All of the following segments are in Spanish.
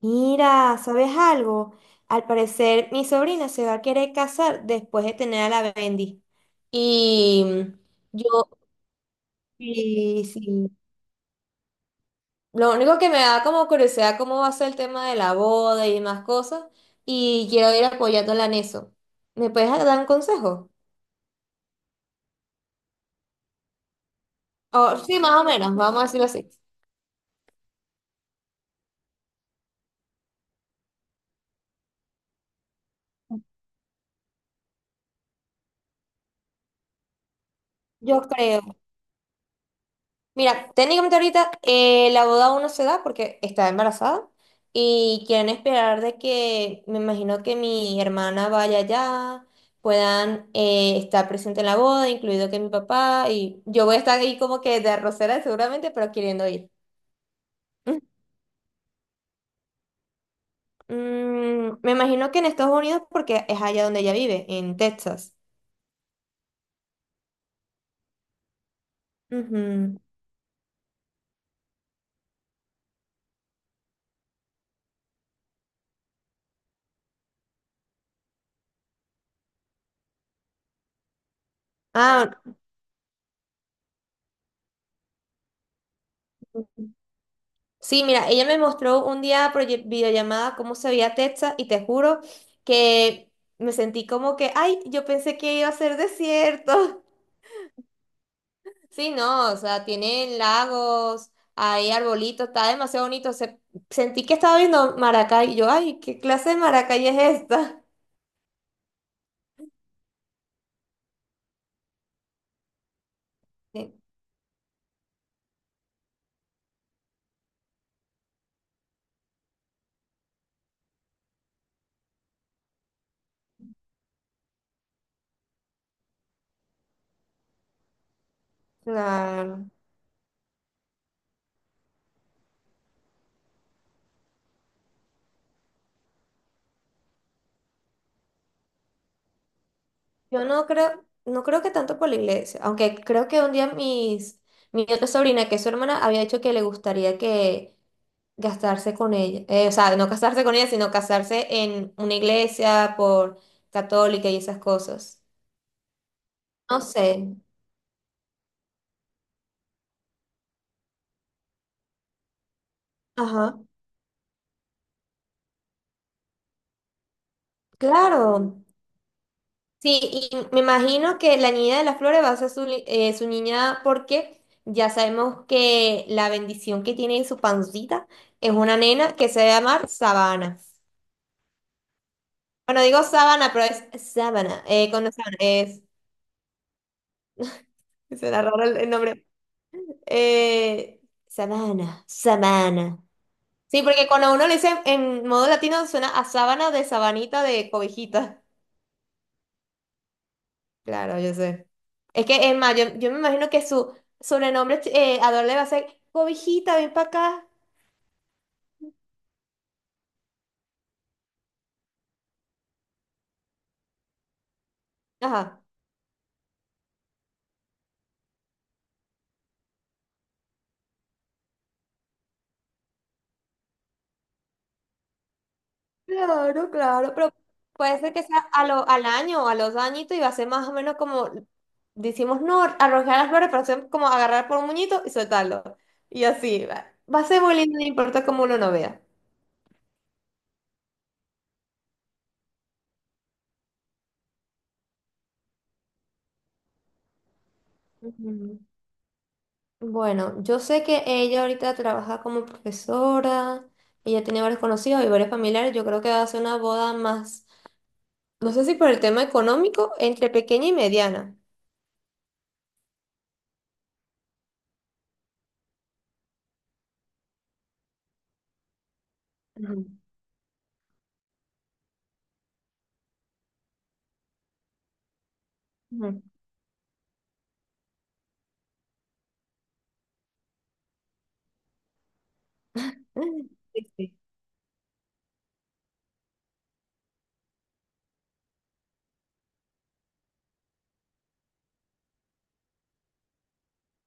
Mira, ¿sabes algo? Al parecer mi sobrina se va a querer casar después de tener a la Bendy. Y yo, sí, sí. Lo único que me da como curiosidad cómo va a ser el tema de la boda y demás cosas. Y quiero ir apoyándola en eso. ¿Me puedes dar un consejo? O sí, más o menos, vamos a decirlo así. Yo creo. Mira, técnicamente ahorita la boda aún no se da porque está embarazada y quieren esperar de que, me imagino que mi hermana vaya allá, puedan estar presente en la boda, incluido que mi papá, y yo voy a estar ahí como que de arrocera seguramente, pero queriendo ir. Me imagino que en Estados Unidos porque es allá donde ella vive, en Texas. Ujú. Ah, sí, mira, ella me mostró un día por videollamada cómo se veía Texas y te juro que me sentí como que, ay, yo pensé que iba a ser desierto. Sí, no, o sea, tienen lagos, hay arbolitos, está demasiado bonito. Sentí que estaba viendo Maracay y yo, ay, ¿qué clase de Maracay es esta? Sí, claro. Yo no creo, no creo que tanto por la iglesia, aunque creo que un día mi otra sobrina, que es su hermana, había dicho que le gustaría que gastarse con ella, o sea, no casarse con ella, sino casarse en una iglesia por católica y esas cosas. No sé. Ajá. Claro. Sí, y me imagino que la niña de las flores va a ser su niña porque ya sabemos que la bendición que tiene en su pancita es una nena que se va a llamar Sabana. Bueno, digo Sabana, pero es Sabana. Con Sabana es. Será raro el nombre. Eh, Sabana, Sabana. Sí, porque cuando uno le dice en modo latino suena a sábana de sabanita de cobijita. Claro, yo sé. Es que es más, yo me imagino que su sobrenombre Ador le va a ser cobijita, ven para acá. Ajá. Claro, claro, pero puede ser que sea al año o a los añitos y va a ser más o menos como decimos no, arrojar las flores, pero ser como agarrar por un muñito y soltarlo. Y así va. Va a ser muy lindo, no importa cómo uno no vea. Ujú. Bueno, yo sé que ella ahorita trabaja como profesora, ella tiene varios conocidos y varios familiares, yo creo que va a hacer una boda más, no sé si por el tema económico, entre pequeña y mediana. Ujú, ujú. Sí, sí.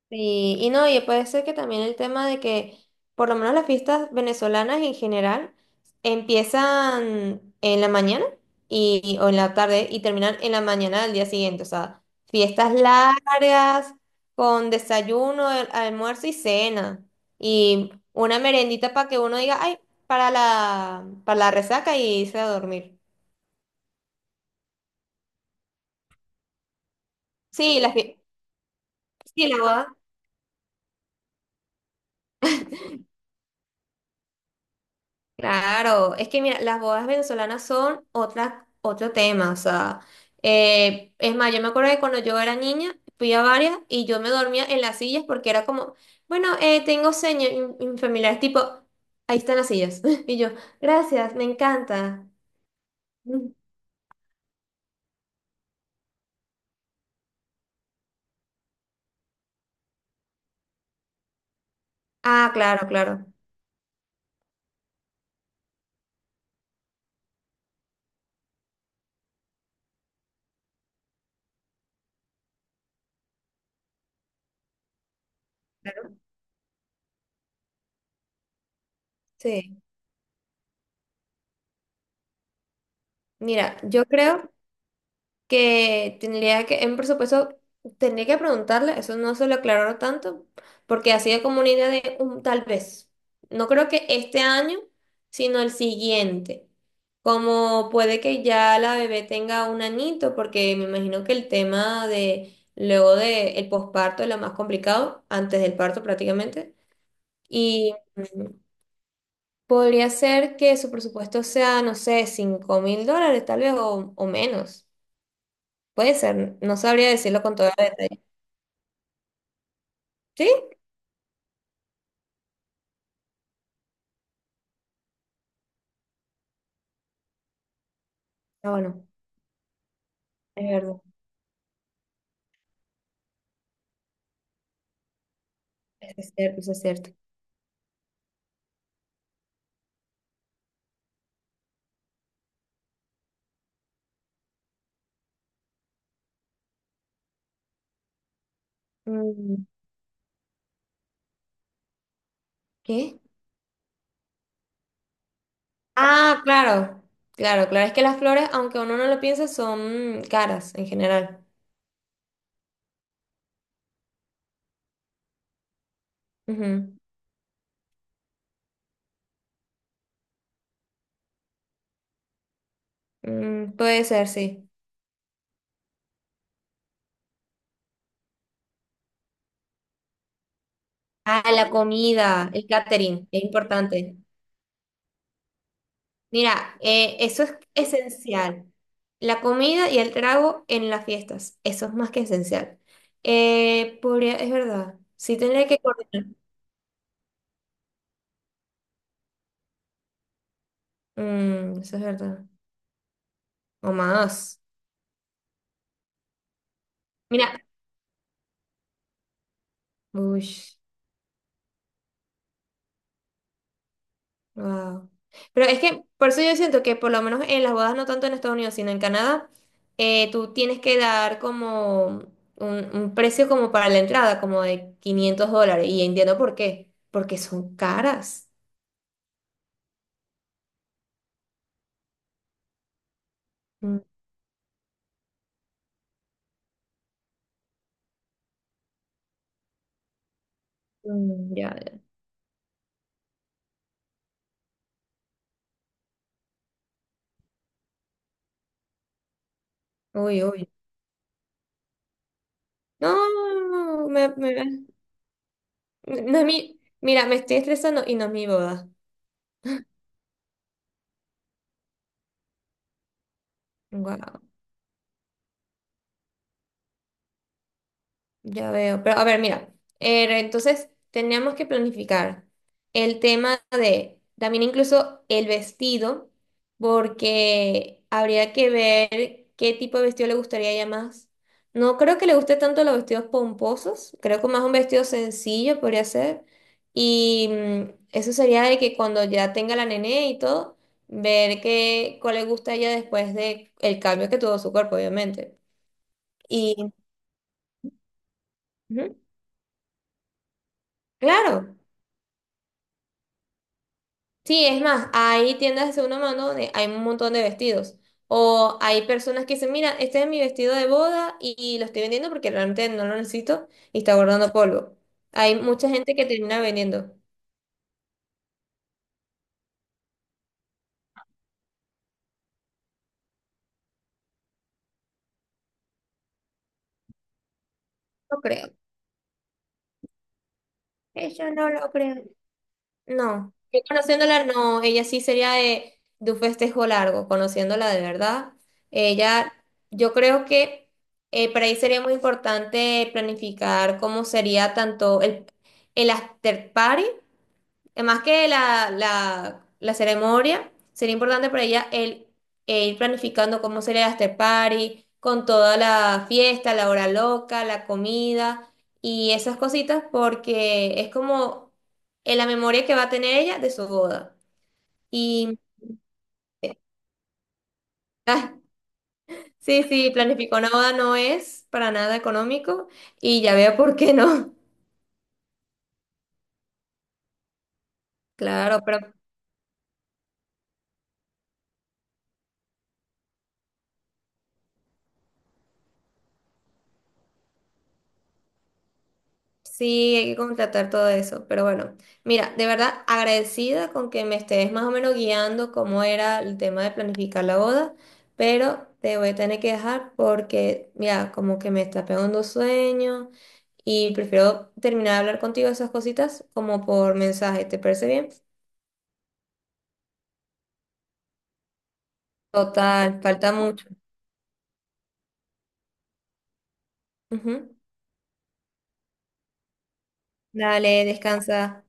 Sí, y no, y puede ser que también el tema de que, por lo menos las fiestas venezolanas en general, empiezan en la mañana o en la tarde y terminan en la mañana del día siguiente. O sea, fiestas largas, con desayuno, almuerzo y cena. Y una merendita para que uno diga, ay, para la resaca y irse a dormir. Sí, sí, la boda. Claro, es que mira, las bodas venezolanas son otro tema, o sea, es más, yo me acuerdo que cuando yo era niña fui a varias y yo me dormía en las sillas porque era como, bueno, tengo sueño, y mi familia es tipo, ahí están las sillas, y yo, gracias, me encanta. Mm. Ah, claro, claro. Claro. Sí, mira, yo creo que tendría que, en presupuesto, tendría que preguntarle, eso no se lo aclaró tanto, porque ha sido como una idea de un tal vez. No creo que este año, sino el siguiente. Como puede que ya la bebé tenga un anito, porque me imagino que el tema de luego de el posparto es lo más complicado, antes del parto prácticamente. Y podría ser que su presupuesto sea, no sé, $5,000 tal vez o menos. Puede ser, no sabría decirlo con todo el detalle. ¿Sí? Ah, bueno, es verdad. Eso es cierto, eso es cierto. Mm, ¿qué? Ah, claro, claro, claro. Es que las flores, aunque uno no lo piense, son caras en general. Ujú. Puede ser, sí. Ah, la comida, el catering, es importante. Mira, eso es esencial. La comida y el trago en las fiestas, eso es más que esencial. Es verdad, sí tendría que coordinar. Eso es verdad. O más. Mira, uy, wow. Pero es que, por eso yo siento que por lo menos en las bodas, no tanto en Estados Unidos, sino en Canadá, tú tienes que dar como un precio como para la entrada, como de $500. Y entiendo por qué, porque son caras. Mm, mm, ya, ya. Uy, uy. No, mira, me estoy estresando y no es mi boda. Wow. Ya veo, pero a ver, mira, entonces teníamos que planificar el tema de también incluso el vestido, porque habría que ver qué tipo de vestido le gustaría a ella más. No creo que le guste tanto los vestidos pomposos, creo que más un vestido sencillo podría ser. Y eso sería de que cuando ya tenga la nené y todo, ver cuál le gusta a ella después de el cambio que tuvo su cuerpo, obviamente. Y ujú, claro. Sí, es más, hay tiendas de segunda mano donde hay un montón de vestidos. O hay personas que dicen, mira, este es mi vestido de boda y lo estoy vendiendo porque realmente no lo necesito y está guardando polvo. Hay mucha gente que termina vendiendo. No creo. Eso no lo creo. No. Yo conociéndola, no. Ella sí sería de un festejo largo, conociéndola de verdad. Ella, yo creo que para ahí sería muy importante planificar cómo sería tanto el after party. Además que la ceremonia sería importante para ella e ir planificando cómo sería el after party, con toda la fiesta, la hora loca, la comida y esas cositas, porque es como en la memoria que va a tener ella de su boda. Y, ah, sí, sí, planificó una boda no es para nada económico y ya veo por qué no. Claro, pero sí, hay que contratar todo eso, pero bueno, mira, de verdad agradecida con que me estés más o menos guiando cómo era el tema de planificar la boda, pero te voy a tener que dejar porque, mira, como que me está pegando sueño y prefiero terminar de hablar contigo de esas cositas como por mensaje, ¿te parece bien? Total, falta mucho. Ujú. Dale, descansa.